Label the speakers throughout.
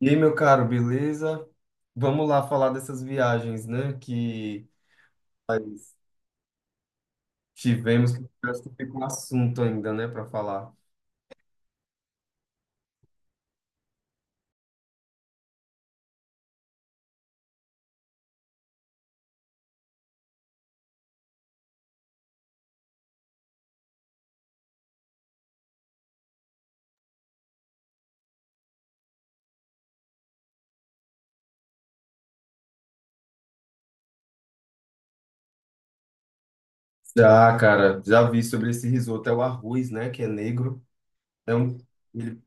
Speaker 1: E aí, meu caro, beleza? Vamos lá falar dessas viagens, né? Que nós tivemos, que parece que fica um assunto ainda, né, para falar. Já, cara, já vi sobre esse risoto, é o arroz, né, que é negro. É um... ele-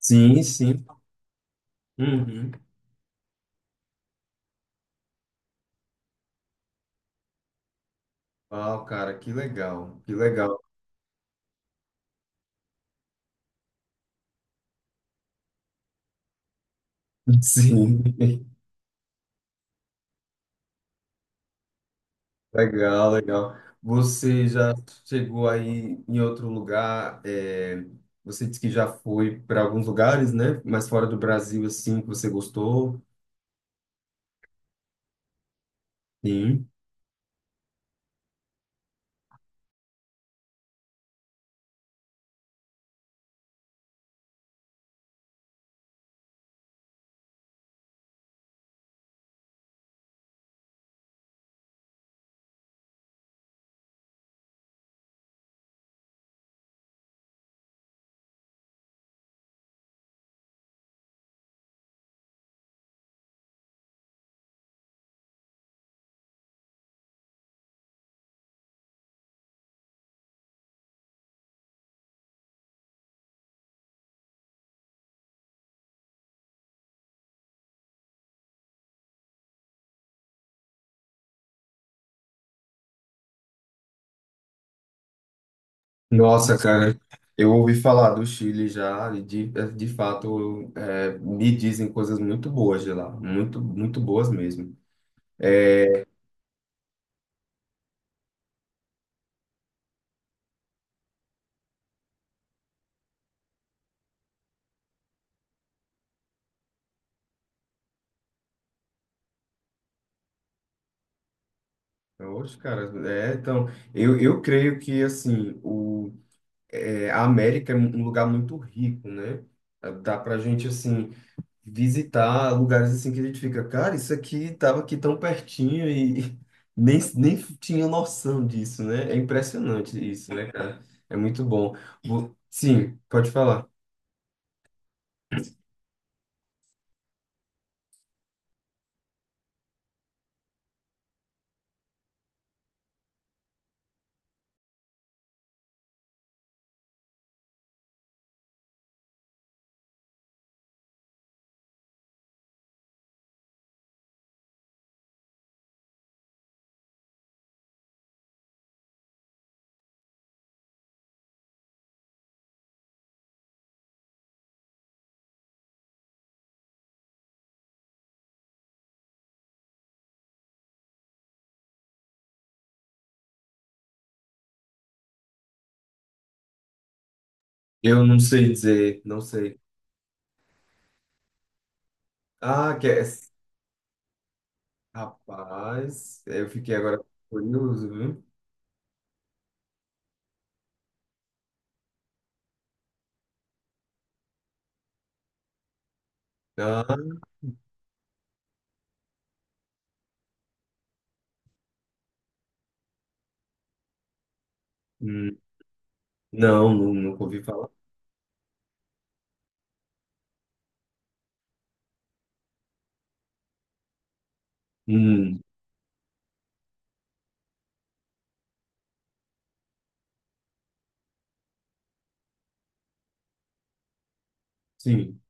Speaker 1: Sim, sim. Uhum. Ah, cara, que legal, que legal. Sim. Legal, legal. Você já chegou aí em outro lugar? Você disse que já foi para alguns lugares, né? Mas fora do Brasil, assim, que você gostou? Sim. Nossa, cara, eu ouvi falar do Chile já, e de fato, me dizem coisas muito boas de lá, muito, muito boas mesmo. É, Oxe, cara, é, então, eu creio que, assim, a América é um lugar muito rico, né? Dá pra gente, assim, visitar lugares assim que a gente fica, cara, isso aqui tava aqui tão pertinho e nem tinha noção disso, né? É impressionante isso, né, cara? É muito bom. Sim, pode falar. Eu não sei dizer, não sei. Ah, que é... Rapaz, eu fiquei agora curioso, viu? Ah, hum, nunca ouvi falar. Hum, sim,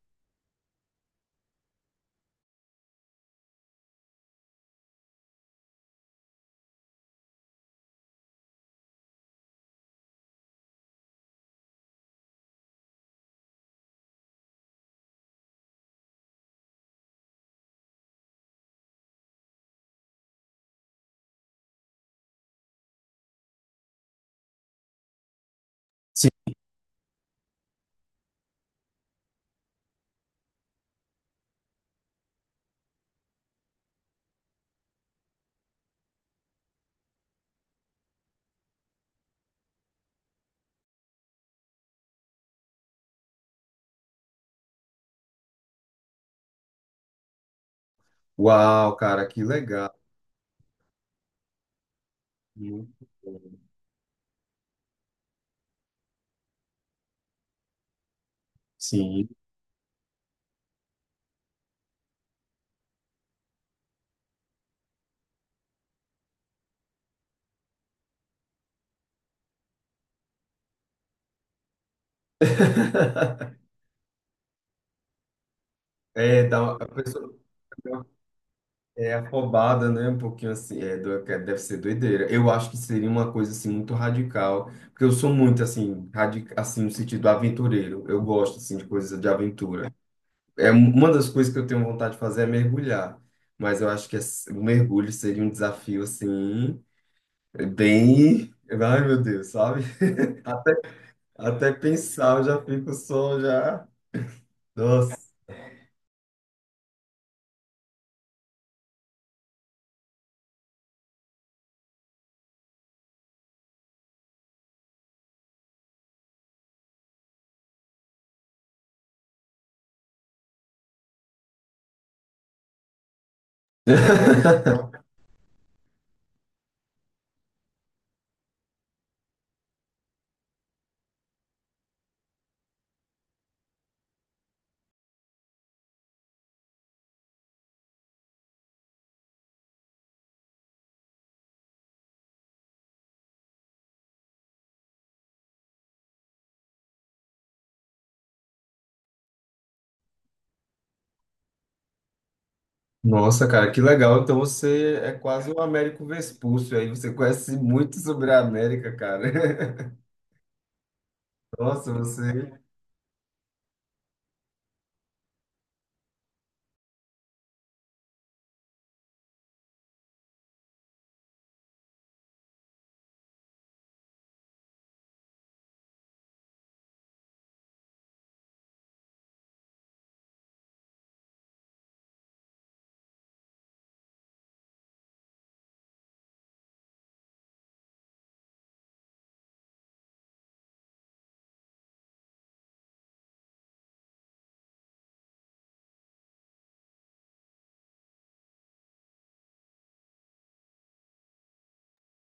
Speaker 1: sim. Uau, cara, que legal. Muito bom. Sim. É, dá uma, a pessoa é afobada, né? Um pouquinho assim, é, que deve ser doideira. Eu acho que seria uma coisa assim muito radical, porque eu sou muito assim, radical, assim no sentido aventureiro. Eu gosto assim de coisas de aventura. Uma das coisas que eu tenho vontade de fazer é mergulhar, mas eu acho que o mergulho seria um desafio assim bem, ai meu Deus, sabe? A- Até pensar eu já fico só já, nossa. Nossa, cara, que legal. Então você é quase um Américo Vespúcio aí. Você conhece muito sobre a América, cara. Nossa, você.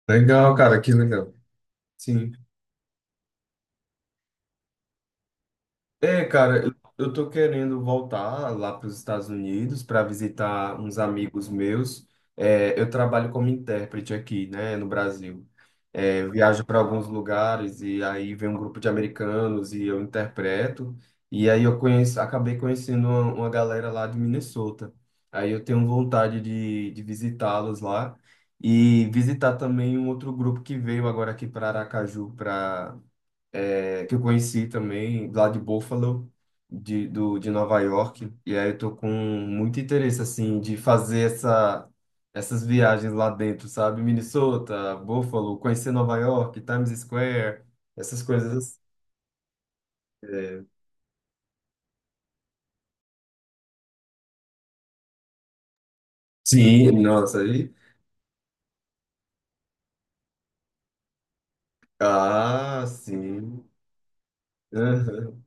Speaker 1: Legal, cara, que legal. Sim. É, cara, eu tô querendo voltar lá para os Estados Unidos para visitar uns amigos meus. É, eu trabalho como intérprete aqui, né, no Brasil. É, eu viajo para alguns lugares e aí vem um grupo de americanos e eu interpreto. E aí eu conheço, acabei conhecendo uma galera lá de Minnesota. Aí eu tenho vontade de visitá-los lá e visitar também um outro grupo que veio agora aqui para Aracaju para é, que eu conheci também, lá de Buffalo, de Nova York. E aí eu tô com muito interesse, assim, de fazer essas viagens lá dentro, sabe? Minnesota, Buffalo, conhecer Nova York, Times Square, essas coisas. Assim. Sim, nossa, aí. Ah, sim.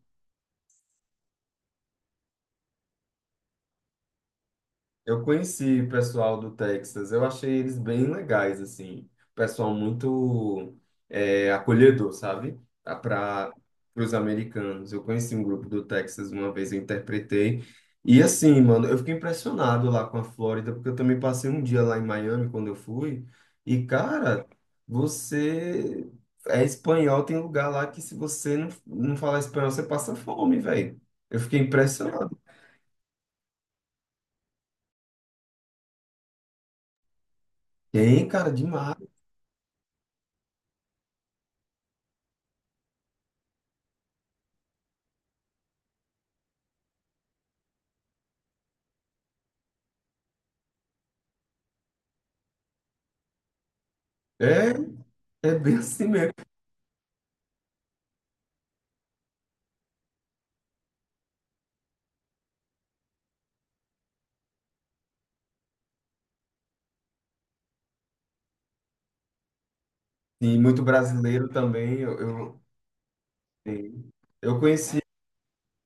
Speaker 1: Eu conheci o pessoal do Texas, eu achei eles bem legais, assim. Pessoal muito é, acolhedor, sabe? Para os americanos. Eu conheci um grupo do Texas uma vez, eu interpretei. E assim, mano, eu fiquei impressionado lá com a Flórida, porque eu também passei um dia lá em Miami quando eu fui. E, cara, você é espanhol, tem lugar lá que se você não falar espanhol, você passa fome, velho. Eu fiquei impressionado. Tem, cara, demais. É, é bem assim mesmo. E muito brasileiro também. Eu conheci.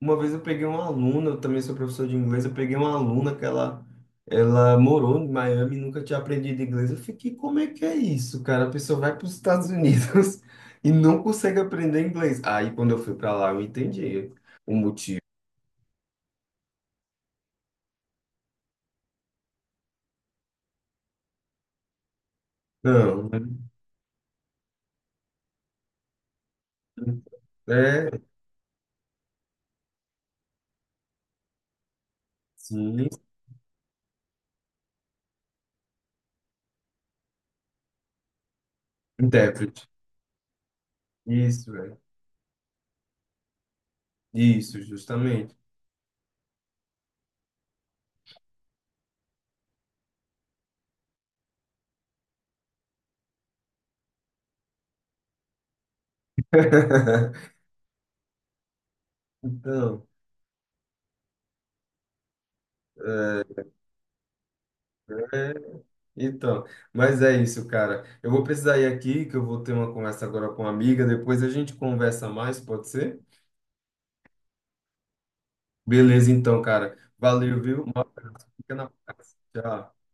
Speaker 1: Uma vez eu peguei uma aluna, eu também sou professor de inglês. Eu peguei uma aluna ela morou em Miami e nunca tinha aprendido inglês. Eu fiquei, como é que é isso, cara? A pessoa vai para os Estados Unidos e não consegue aprender inglês. Aí quando eu fui para lá, eu entendi o motivo. Não, é, sim, intérprete. Isso, é. Isso, justamente. Então. Então, mas é isso, cara. Eu vou precisar ir aqui, que eu vou ter uma conversa agora com uma amiga. Depois a gente conversa mais, pode ser? Beleza, então, cara. Valeu, viu? Um abraço. Fica na paz. Tchau.